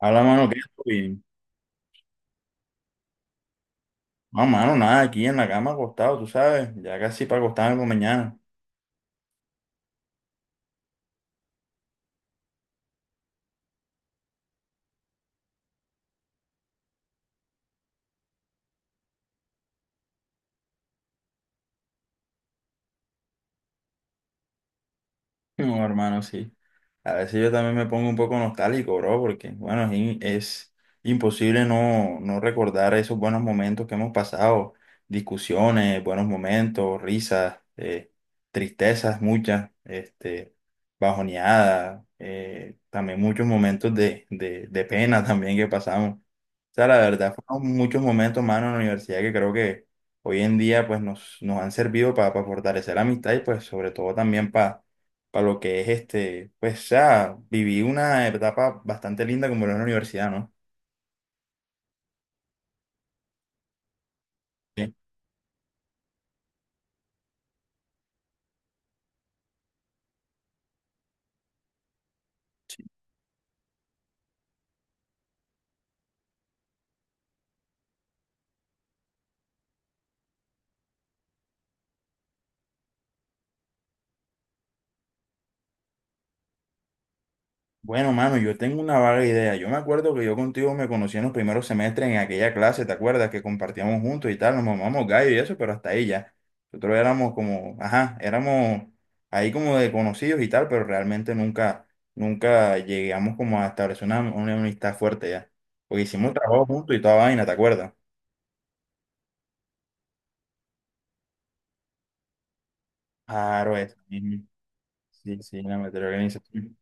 Habla, mano, ¿qué? Todo bien. No, mano, nada, aquí en la cama acostado, tú sabes, ya casi para acostarme con mañana. No, hermano, sí. A veces yo también me pongo un poco nostálgico, bro, porque, bueno, es, es imposible no recordar esos buenos momentos que hemos pasado, discusiones, buenos momentos, risas, tristezas muchas, bajoneadas, también muchos momentos de pena también que pasamos. O sea, la verdad, fueron muchos momentos, mano, en la universidad que creo que hoy en día pues nos han servido para fortalecer la amistad y pues sobre todo también para lo que es este, pues ya viví una etapa bastante linda como era la universidad, ¿no? Sí. Bueno, mano, yo tengo una vaga idea. Yo me acuerdo que yo contigo me conocí en los primeros semestres en aquella clase, ¿te acuerdas? Que compartíamos juntos y tal, nos mamamos gallo y eso, pero hasta ahí ya. Nosotros éramos como, ajá, éramos ahí como de conocidos y tal, pero realmente nunca, nunca llegamos como a establecer una amistad fuerte ya. Porque hicimos trabajo juntos y toda vaina, ¿te acuerdas? Claro, eso mismo. Sí, sí, la materia de organización.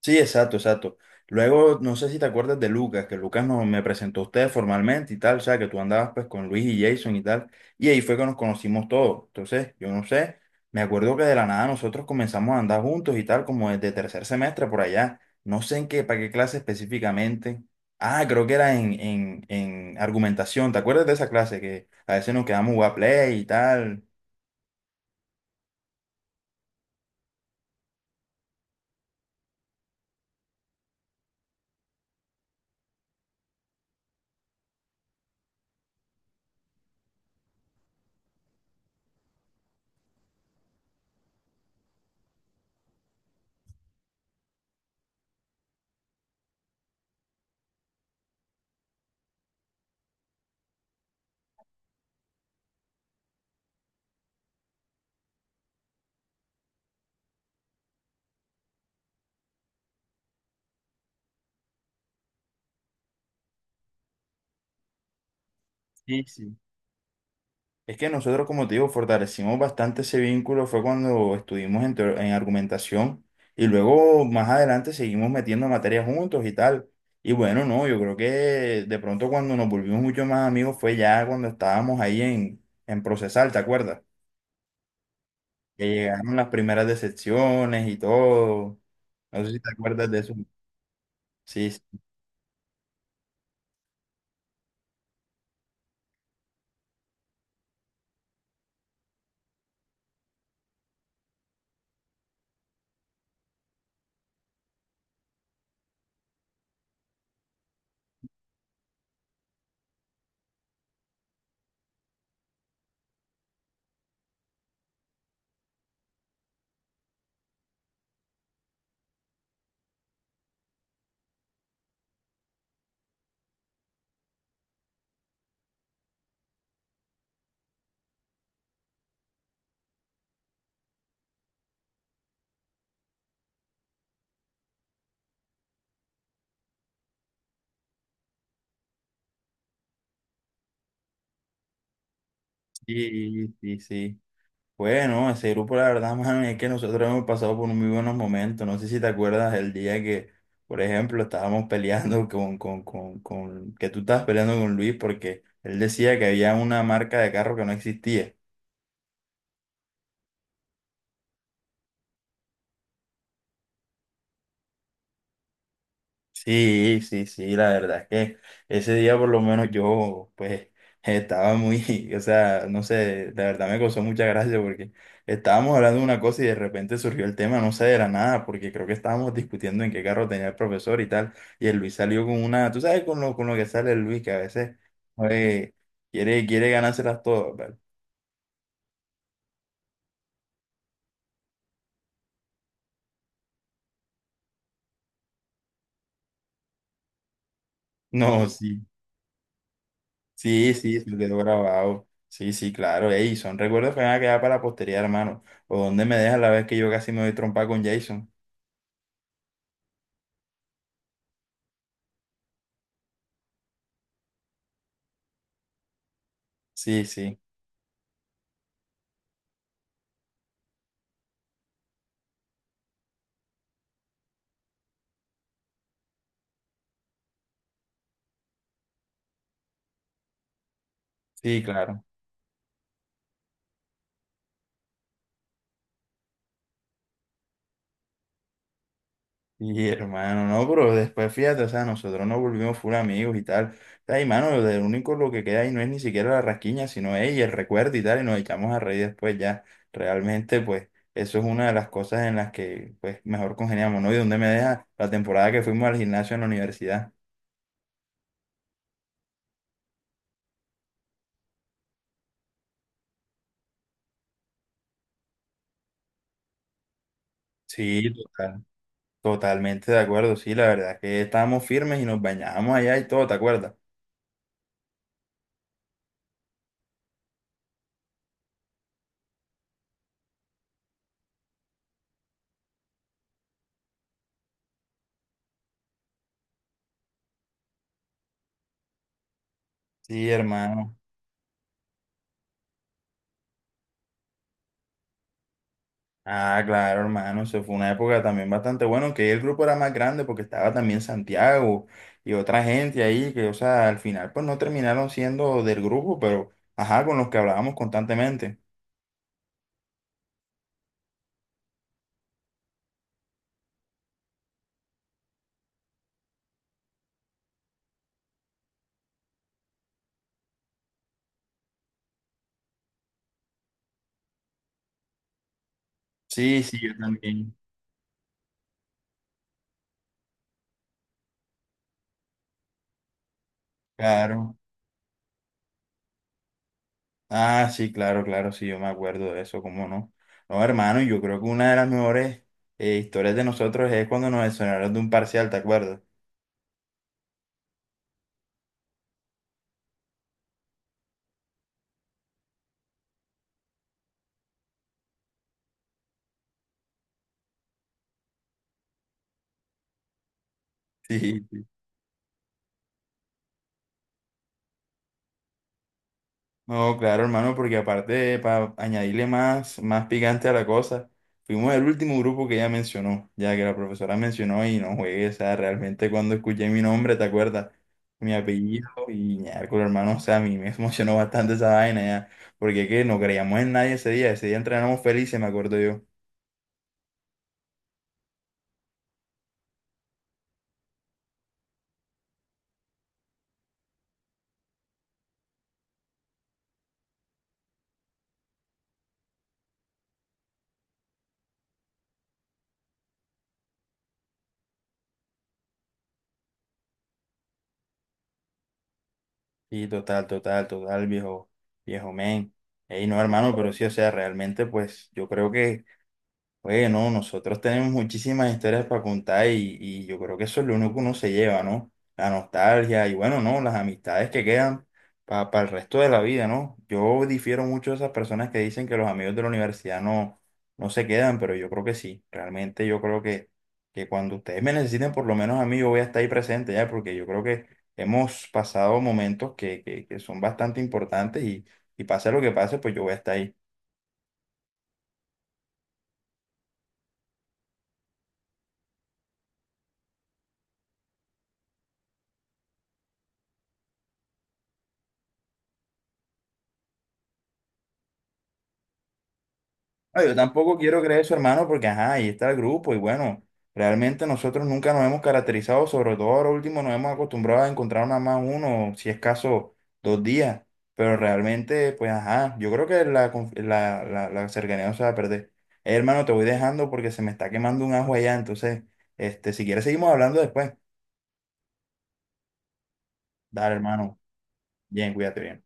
Sí, exacto, exacto. Luego, no sé si te acuerdas de Lucas, que Lucas nos, me presentó a ustedes formalmente y tal, o sea, que tú andabas pues con Luis y Jason y tal, y ahí fue que nos conocimos todos. Entonces, yo no sé, me acuerdo que de la nada nosotros comenzamos a andar juntos y tal, como desde tercer semestre por allá. No sé en qué, para qué clase específicamente. Ah, creo que era en argumentación, ¿te acuerdas de esa clase? Que a veces nos quedamos a jugar play y tal. Sí, sí. Es que nosotros, como te digo, fortalecimos bastante ese vínculo, fue cuando estuvimos en, en argumentación y luego más adelante seguimos metiendo materias juntos y tal. Y bueno, no, yo creo que de pronto cuando nos volvimos mucho más amigos fue ya cuando estábamos ahí en Procesal, ¿te acuerdas? Que llegaron las primeras decepciones y todo. No sé si te acuerdas de eso. Sí, sí, sí, sí. Bueno, ese grupo, la verdad, mano, es que nosotros hemos pasado por muy buenos momentos. No sé si te acuerdas el día que, por ejemplo, estábamos peleando con que tú estabas peleando con Luis porque él decía que había una marca de carro que no existía. Sí, sí, sí, la verdad es que ese día por lo menos yo pues estaba muy, o sea, no sé, la verdad me causó mucha gracia porque estábamos hablando de una cosa y de repente surgió el tema, no sé, de la nada, porque creo que estábamos discutiendo en qué carro tenía el profesor y tal, y el Luis salió con una, tú sabes con lo que sale el Luis, que a veces eh, quiere ganárselas todas, ¿vale? No, sí. Sí, sí, se quedó grabado. Sí, sí, claro. Ey, son recuerdos que me van a quedar para la posteridad, hermano. O dónde me dejas la vez que yo casi me doy trompa con Jason. Sí, sí, sí, claro. Y hermano, no, pero después fíjate, o sea, nosotros nos volvimos full amigos y tal. O sea, y mano, lo único lo que queda ahí no es ni siquiera la rasquiña, sino ella, el recuerdo y tal, y nos echamos a reír después ya. Realmente, pues, eso es una de las cosas en las que, pues, mejor congeniamos, ¿no? Y dónde me deja la temporada que fuimos al gimnasio en la universidad. Sí, total. Totalmente de acuerdo, sí, la verdad es que estábamos firmes y nos bañábamos allá y todo, ¿te acuerdas? Sí, hermano. Ah, claro, hermano, eso fue una época también bastante buena, aunque el grupo era más grande porque estaba también Santiago y otra gente ahí que, o sea, al final pues no terminaron siendo del grupo, pero, ajá, con los que hablábamos constantemente. Sí, sí, yo también. Claro. Ah, sí, claro, claro, sí, yo me acuerdo de eso, ¿cómo no? No, hermano, yo creo que una de las mejores historias de nosotros es cuando nos exoneraron de un parcial, ¿te acuerdas? Sí, sí. No, claro, hermano, porque aparte, para añadirle más, más picante a la cosa, fuimos el último grupo que ella mencionó, ya que la profesora mencionó y no juegué, o sea, realmente cuando escuché mi nombre, ¿te acuerdas? Mi apellido y con hermano, o sea, a mí me emocionó bastante esa vaina ya, porque es que no creíamos en nadie ese día, ese día entrenamos felices, me acuerdo yo. Sí, total, total, total, viejo, viejo men. Ey, no, hermano, pero sí, o sea, realmente, pues, yo creo que oye, no, nosotros tenemos muchísimas historias para contar y yo creo que eso es lo único que uno se lleva, ¿no? La nostalgia y bueno, ¿no? Las amistades que quedan para el resto de la vida, ¿no? Yo difiero mucho de esas personas que dicen que los amigos de la universidad no, no se quedan, pero yo creo que sí. Realmente yo creo que cuando ustedes me necesiten, por lo menos a mí, yo voy a estar ahí presente ya, porque yo creo que hemos pasado momentos que son bastante importantes y pase lo que pase, pues yo voy a estar ahí. Ah, yo tampoco quiero creer eso, hermano, porque ajá, ahí está el grupo y bueno, realmente nosotros nunca nos hemos caracterizado, sobre todo ahora último nos hemos acostumbrado a encontrar nada más uno, si es caso, dos días, pero realmente, pues ajá, yo creo que la, la cercanía no se va a perder. Hermano, te voy dejando porque se me está quemando un ajo allá, entonces, si quieres seguimos hablando después. Dale, hermano, bien, cuídate bien.